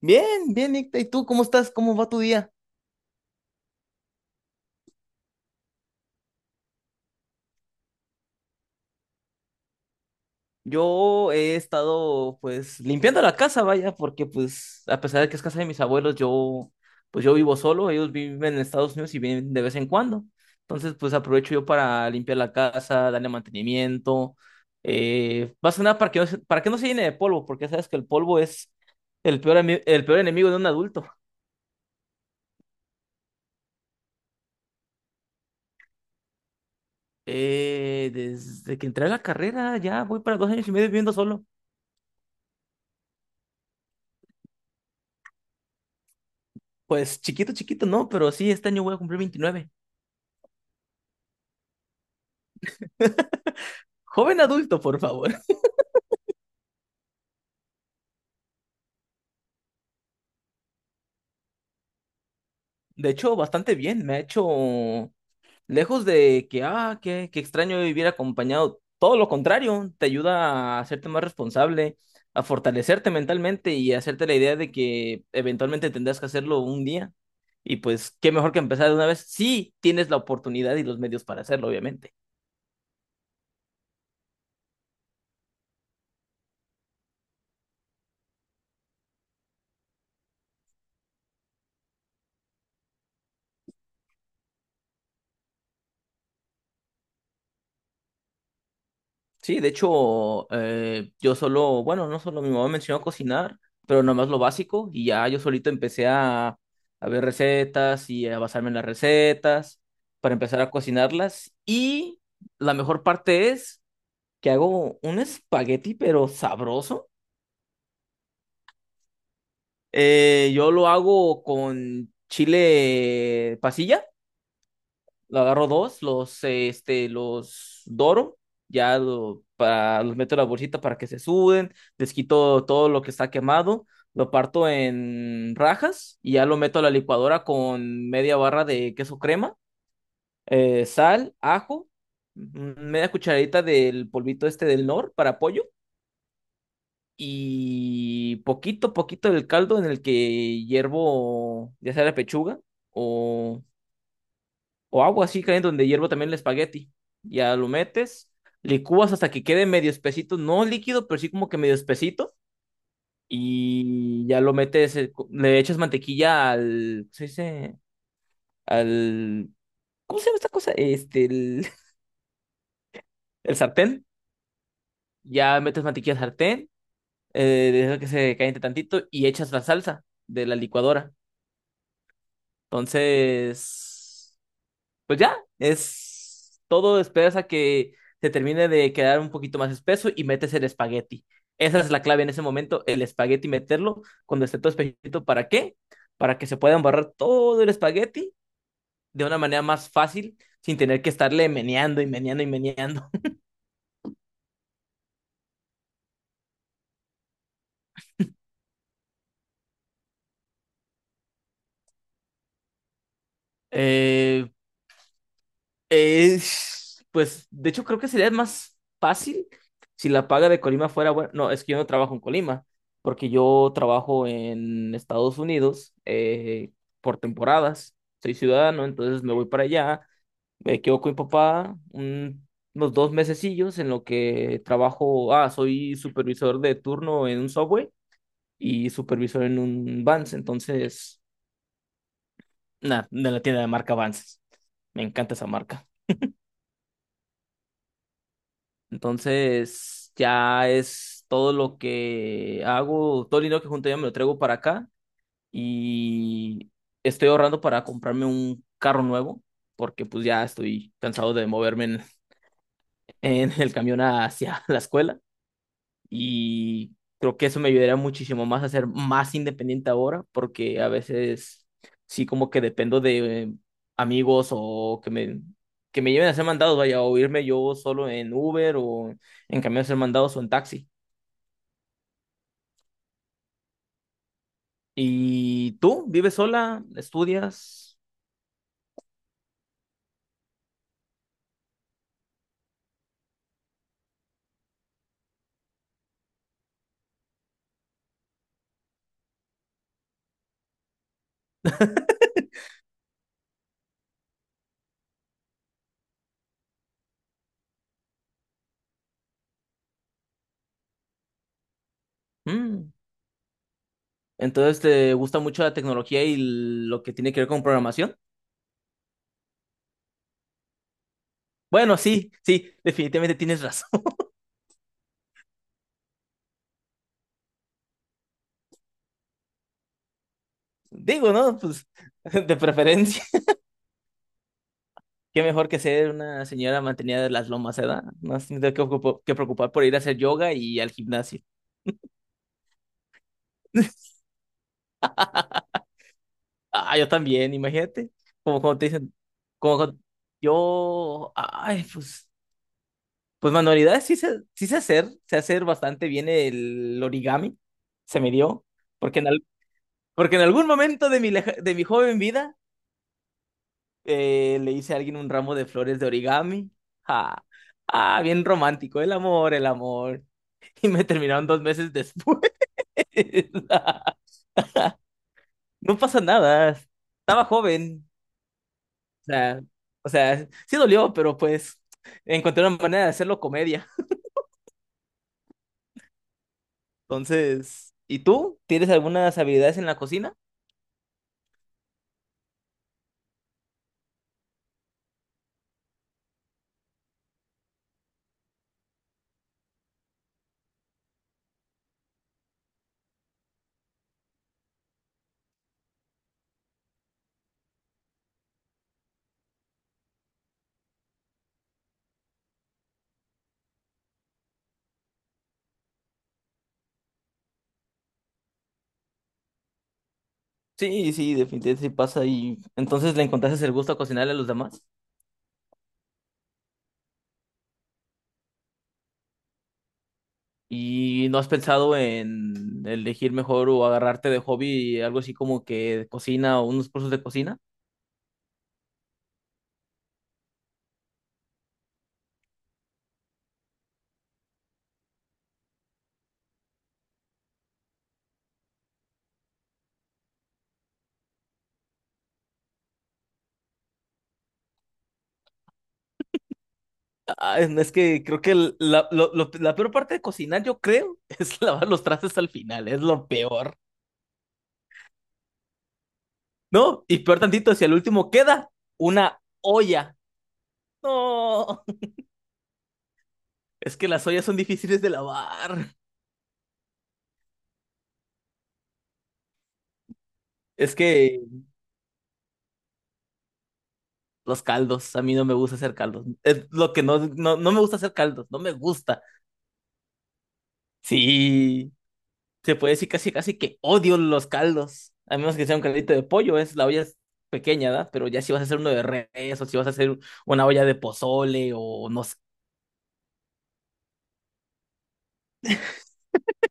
Bien, bien, Nicta. ¿Y tú cómo estás? ¿Cómo va tu día? Yo he estado, pues, limpiando la casa, vaya, porque, pues, a pesar de que es casa de mis abuelos, yo, pues, yo vivo solo. Ellos viven en Estados Unidos y vienen de vez en cuando. Entonces, pues, aprovecho yo para limpiar la casa, darle mantenimiento. Más que nada para que no se llene de polvo, porque ya sabes que el polvo es el peor enemigo de un adulto. Desde que entré a la carrera, ya voy para 2 años y medio viviendo solo. Pues chiquito, chiquito, no, pero sí, este año voy a cumplir 29. Joven adulto, por favor. De hecho, bastante bien. Me ha hecho lejos de que, ah, qué extraño vivir acompañado. Todo lo contrario, te ayuda a hacerte más responsable, a fortalecerte mentalmente y a hacerte la idea de que eventualmente tendrás que hacerlo un día. Y pues, qué mejor que empezar de una vez. Sí, tienes la oportunidad y los medios para hacerlo, obviamente. Sí, de hecho, yo solo, bueno, no solo mi mamá me enseñó a cocinar, pero nomás lo básico y ya yo solito a ver recetas y a basarme en las recetas para empezar a cocinarlas. Y la mejor parte es que hago un espagueti, pero sabroso. Yo lo hago con chile pasilla. Lo agarro dos, los doro, los meto en la bolsita para que se suden, les quito todo lo que está quemado, lo parto en rajas y ya lo meto a la licuadora con media barra de queso crema, sal, ajo, media cucharadita del polvito este del nor para pollo y poquito, poquito del caldo en el que hiervo ya sea la pechuga o o agua así caliente donde hiervo también el espagueti. Ya lo metes, licúas hasta que quede medio espesito, no líquido, pero sí como que medio espesito. Y ya lo metes, le echas mantequilla al, ¿cómo se dice? Al, ¿cómo se llama esta cosa? Este, el, el sartén. Ya metes mantequilla al sartén, dejas que se caliente tantito y echas la salsa de la licuadora. Entonces, pues ya, es todo, esperas a que se termine de quedar un poquito más espeso y metes el espagueti. Esa es la clave en ese momento, el espagueti meterlo cuando esté todo espesito. ¿Para qué? Para que se pueda embarrar todo el espagueti de una manera más fácil sin tener que estarle meneando y meneando y meneando. Eh, Eh, pues de hecho creo que sería más fácil si la paga de Colima fuera buena. No, es que yo no trabajo en Colima, porque yo trabajo en Estados Unidos, por temporadas. Soy ciudadano, entonces me voy para allá, me quedo con mi papá unos 2 mesecillos en lo que trabajo. Ah, soy supervisor de turno en un Subway y supervisor en un Vans, entonces, nada, de la tienda de marca Vans. Me encanta esa marca. Entonces, ya es todo lo que hago, todo el dinero que junto ya me lo traigo para acá y estoy ahorrando para comprarme un carro nuevo, porque pues ya estoy cansado de moverme en, en el camión hacia la escuela y creo que eso me ayudaría muchísimo más a ser más independiente ahora, porque a veces sí como que dependo de amigos que me lleven a hacer mandados, vaya, o irme yo solo en Uber o en camión a hacer mandados o en taxi. ¿Y tú vives sola? ¿Estudias? Mm. Entonces, ¿te gusta mucho la tecnología y lo que tiene que ver con programación? Bueno, sí, sí, definitivamente tienes razón. Digo, ¿no? Pues de preferencia. Qué mejor que ser una señora mantenida de las lomas, ¿verdad? No se que preocupar por ir a hacer yoga y al gimnasio. Ah, yo también, imagínate. Como cuando te dicen, como cuando- yo, ay, pues, pues manualidades sí sé hacer bastante bien el origami, se me dio, porque en, al- porque en algún momento de de mi joven vida le hice a alguien un ramo de flores de origami. Ah, ah, bien romántico, el amor, el amor. Y me terminaron 2 meses después. No pasa nada. Estaba joven. O sea, o sea, sí dolió, pero pues encontré una manera de hacerlo comedia. Entonces, ¿y tú? ¿Tienes algunas habilidades en la cocina? Sí, sí, definitivamente sí pasa. Y entonces le encontraste el gusto a cocinarle a los demás. ¿Y no has pensado en elegir mejor o agarrarte de hobby algo así como que cocina o unos cursos de cocina? Ah, es que creo que la peor parte de cocinar, yo creo, es lavar los trastes al final, es lo peor. No, y peor tantito, si al último queda una olla. No, es que las ollas son difíciles de lavar. Es que los caldos, a mí no me gusta hacer caldos. Es lo que no, no me gusta hacer caldos, no me gusta. Sí. Se puede decir casi casi que odio los caldos, a menos que sea un caldito de pollo, es la olla es pequeña, ¿verdad? Pero ya si vas a hacer uno de res o si vas a hacer una olla de pozole o no sé.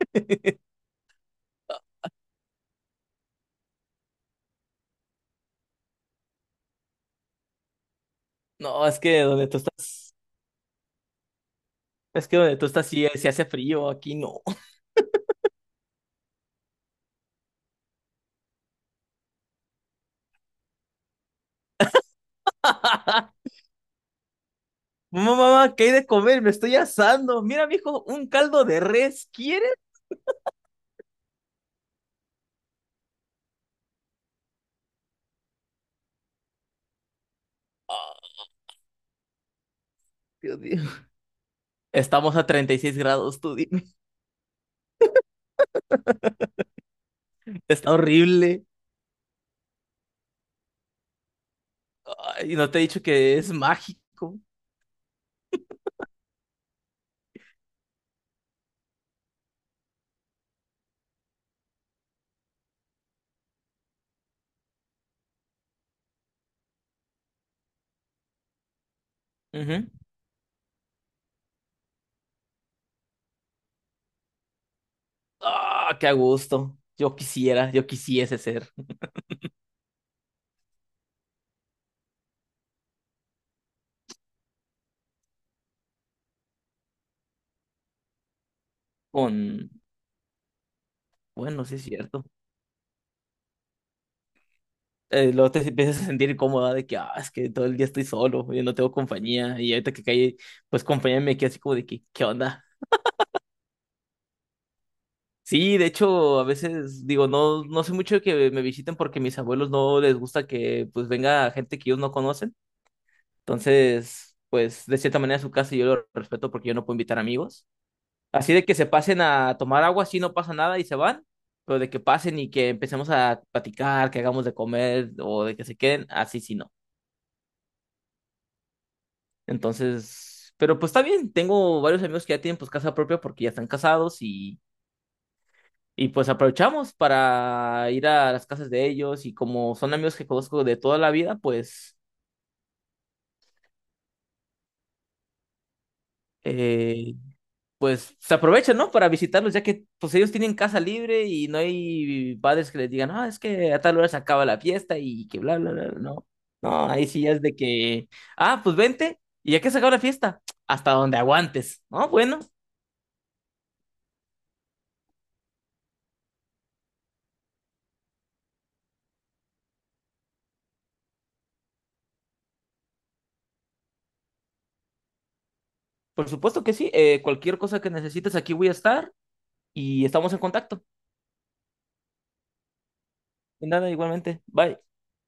No, es que donde tú estás sí, se hace frío, aquí no. Mamá, mamá, ¿qué hay de comer? Me estoy asando. Mira, mijo, un caldo de res, ¿quieres? Dios mío. Estamos a 36 grados, tú dime. Está horrible. Ay, no te he dicho que es mágico. Ujú. Ah, qué a gusto. Yo quisiese ser con... Bueno, sí es cierto. Luego te empiezas a sentir incómoda de que, ah, es que todo el día estoy solo, yo no tengo compañía. Y ahorita que caí, pues compañía me queda así como de que, ¿qué onda? Sí, de hecho, a veces digo, no, no sé mucho de que me visiten porque mis abuelos no les gusta que pues venga gente que ellos no conocen. Entonces, pues de cierta manera es su casa y yo lo respeto porque yo no puedo invitar amigos. Así de que se pasen a tomar agua, así no pasa nada y se van, pero de que pasen y que empecemos a platicar, que hagamos de comer o de que se queden, así sí no. Entonces, pero pues está bien, tengo varios amigos que ya tienen pues casa propia porque ya están casados y pues aprovechamos para ir a las casas de ellos y como son amigos que conozco de toda la vida, pues eh, pues se aprovechan, ¿no? Para visitarlos, ya que pues ellos tienen casa libre y no hay padres que les digan, ah, es que a tal hora se acaba la fiesta y que bla, bla, bla, bla. No. No, ahí sí es de que, ah, pues vente, y ya que se acaba la fiesta, hasta donde aguantes, ¿no? Bueno, por supuesto que sí, cualquier cosa que necesites aquí voy a estar y estamos en contacto. De nada, igualmente, bye.